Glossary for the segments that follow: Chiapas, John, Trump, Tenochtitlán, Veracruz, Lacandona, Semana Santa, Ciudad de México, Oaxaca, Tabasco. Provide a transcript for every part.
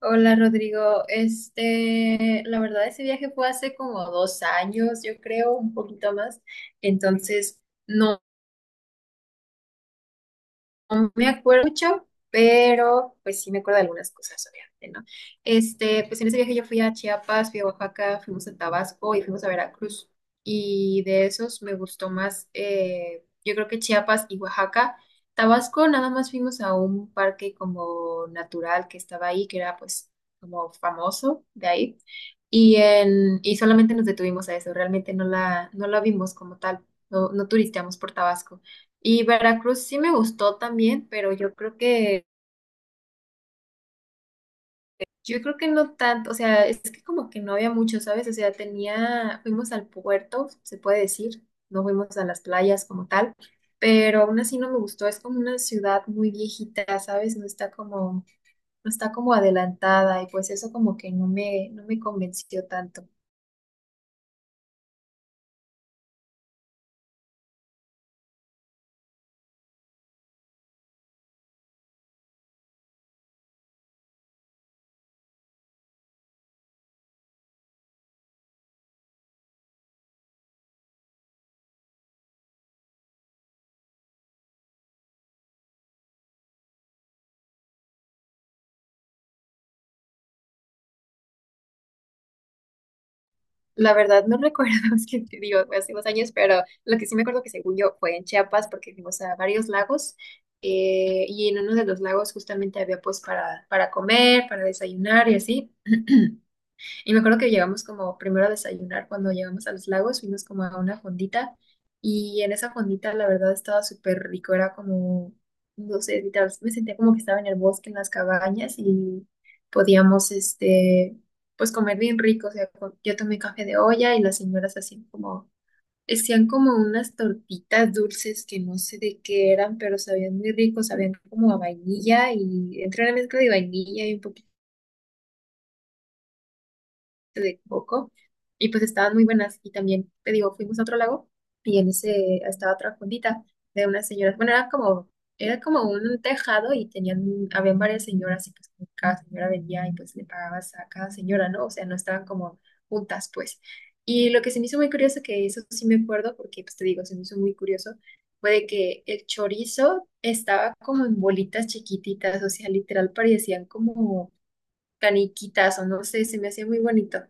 Hola Rodrigo, la verdad ese viaje fue hace como 2 años, yo creo, un poquito más, entonces no, no me acuerdo mucho, pero pues sí me acuerdo de algunas cosas, obviamente, ¿no? Pues en ese viaje yo fui a Chiapas, fui a Oaxaca, fuimos a Tabasco y fuimos a Veracruz. Y de esos me gustó más, yo creo que Chiapas y Oaxaca. Tabasco nada más fuimos a un parque como natural que estaba ahí, que era pues como famoso de ahí. Y solamente nos detuvimos a eso, realmente no la vimos como tal, no turisteamos por Tabasco. Y Veracruz sí me gustó también, pero yo creo que no tanto, o sea, es que como que no había mucho, ¿sabes? O sea, fuimos al puerto, se puede decir, no fuimos a las playas como tal, pero aún así no me gustó, es como una ciudad muy viejita, ¿sabes? No está como adelantada y pues eso como que no me convenció tanto. La verdad no recuerdo, es que te digo, fue hace unos años, pero lo que sí me acuerdo que según yo fue en Chiapas porque fuimos a varios lagos, y en uno de los lagos justamente había pues para comer, para desayunar y así. Y me acuerdo que llegamos como primero a desayunar cuando llegamos a los lagos, fuimos como a una fondita y en esa fondita la verdad estaba súper rico, era como, no sé, literal, me sentía como que estaba en el bosque, en las cabañas y podíamos, pues comer bien rico, o sea, yo tomé café de olla y las señoras hacían como unas tortitas dulces que no sé de qué eran, pero sabían muy ricos, sabían como a vainilla y entre una mezcla de vainilla y un de coco y pues estaban muy buenas y también, te digo, fuimos a otro lago y en ese estaba otra fondita de unas señoras, bueno, era como un tejado y habían varias señoras y pues como cada señora vendía y pues le pagabas a cada señora, ¿no? O sea, no estaban como juntas, pues. Y lo que se me hizo muy curioso, que eso sí me acuerdo, porque pues te digo, se me hizo muy curioso, fue de que el chorizo estaba como en bolitas chiquititas, o sea, literal parecían como caniquitas o no sé, se me hacía muy bonito.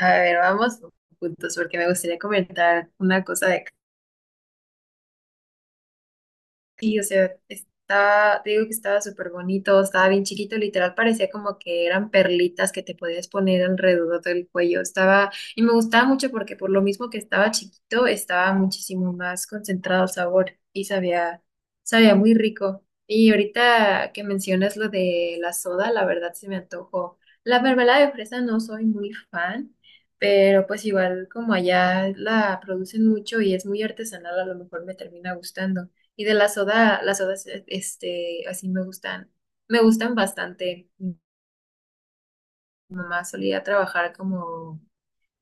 A ver, vamos juntos porque me gustaría comentar una cosa de. Sí, o sea, estaba, te digo que estaba súper bonito, estaba bien chiquito, literal parecía como que eran perlitas que te podías poner alrededor del cuello. Y me gustaba mucho porque por lo mismo que estaba chiquito, estaba muchísimo más concentrado el sabor y sabía muy rico. Y ahorita que mencionas lo de la soda, la verdad se me antojó. La mermelada de fresa no soy muy fan. Pero pues igual como allá la producen mucho y es muy artesanal, a lo mejor me termina gustando. Y de la soda, las sodas, así me gustan, bastante. Mi mamá solía trabajar como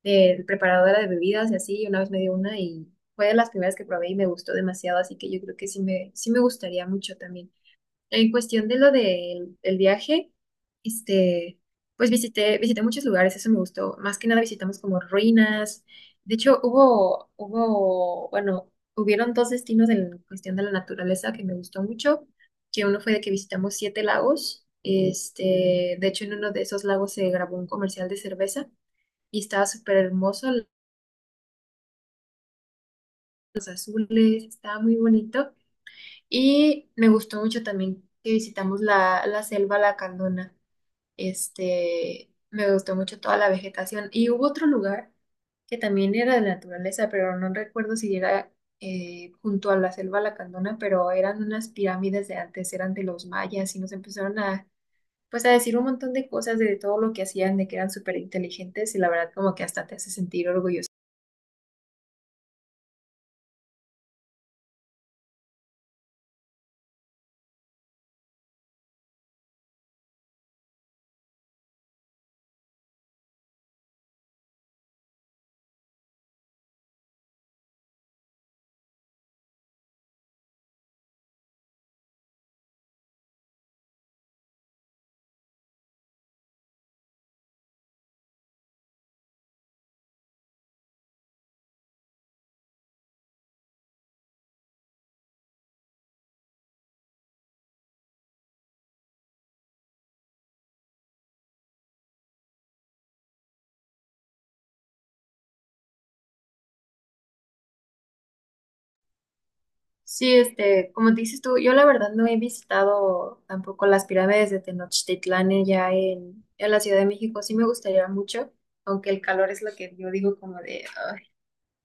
eh, preparadora de bebidas y así, y una vez me dio una y fue de las primeras que probé y me gustó demasiado, así que yo creo que sí me gustaría mucho también. En cuestión de lo del el viaje, este, pues visité muchos lugares, eso me gustó. Más que nada visitamos como ruinas. De hecho, bueno, hubieron dos destinos en cuestión de la naturaleza que me gustó mucho, que uno fue de que visitamos siete lagos. Este, de hecho, en uno de esos lagos se grabó un comercial de cerveza y estaba súper hermoso, los azules, estaba muy bonito. Y me gustó mucho también que visitamos la selva La Candona. Este, me gustó mucho toda la vegetación. Y hubo otro lugar que también era de naturaleza, pero no recuerdo si era junto a la selva Lacandona, pero eran unas pirámides de antes, eran de los mayas y nos empezaron a, pues a decir un montón de cosas de todo lo que hacían, de que eran súper inteligentes y la verdad como que hasta te hace sentir orgulloso. Sí, como dices tú, yo la verdad no he visitado tampoco las pirámides de Tenochtitlán ya en la Ciudad de México. Sí me gustaría mucho, aunque el calor es lo que yo digo como de, "Ay",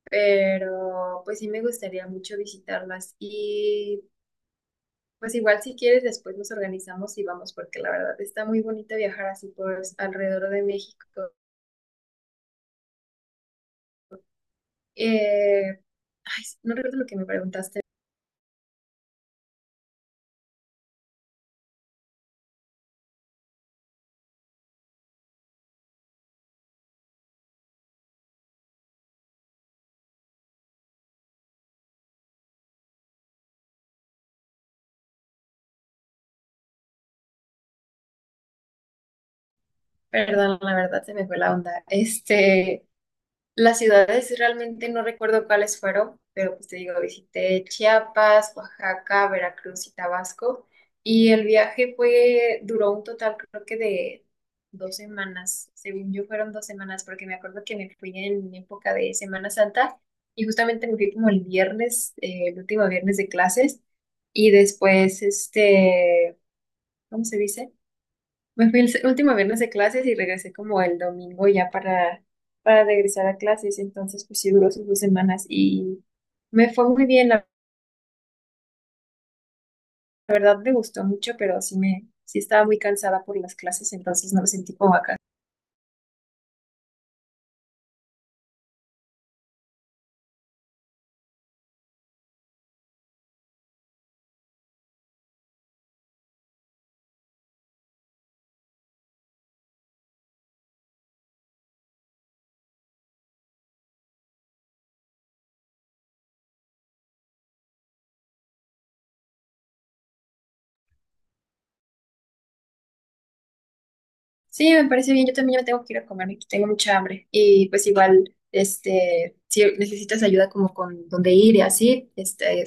pero pues sí me gustaría mucho visitarlas. Y pues igual si quieres después nos organizamos y vamos, porque la verdad está muy bonito viajar así por alrededor de México. Eh, ay, no recuerdo lo que me preguntaste. Perdón, la verdad se me fue la onda. Las ciudades realmente no recuerdo cuáles fueron, pero pues te digo, visité Chiapas, Oaxaca, Veracruz y Tabasco. Y el viaje fue, duró un total creo que de 2 semanas. Según yo fueron 2 semanas, porque me acuerdo que me fui en época de Semana Santa y justamente me fui como el viernes, el último viernes de clases. Y después, ¿cómo se dice? Me fui el último viernes de clases y regresé como el domingo ya para, regresar a clases. Entonces, pues sí duró sus 2 semanas y me fue muy bien. La verdad me gustó mucho, pero sí estaba muy cansada por las clases, entonces no me sentí como acá. Sí, me parece bien. Yo también ya me tengo que ir a comer, aquí tengo mucha hambre. Y pues igual, si necesitas ayuda como con dónde ir y así,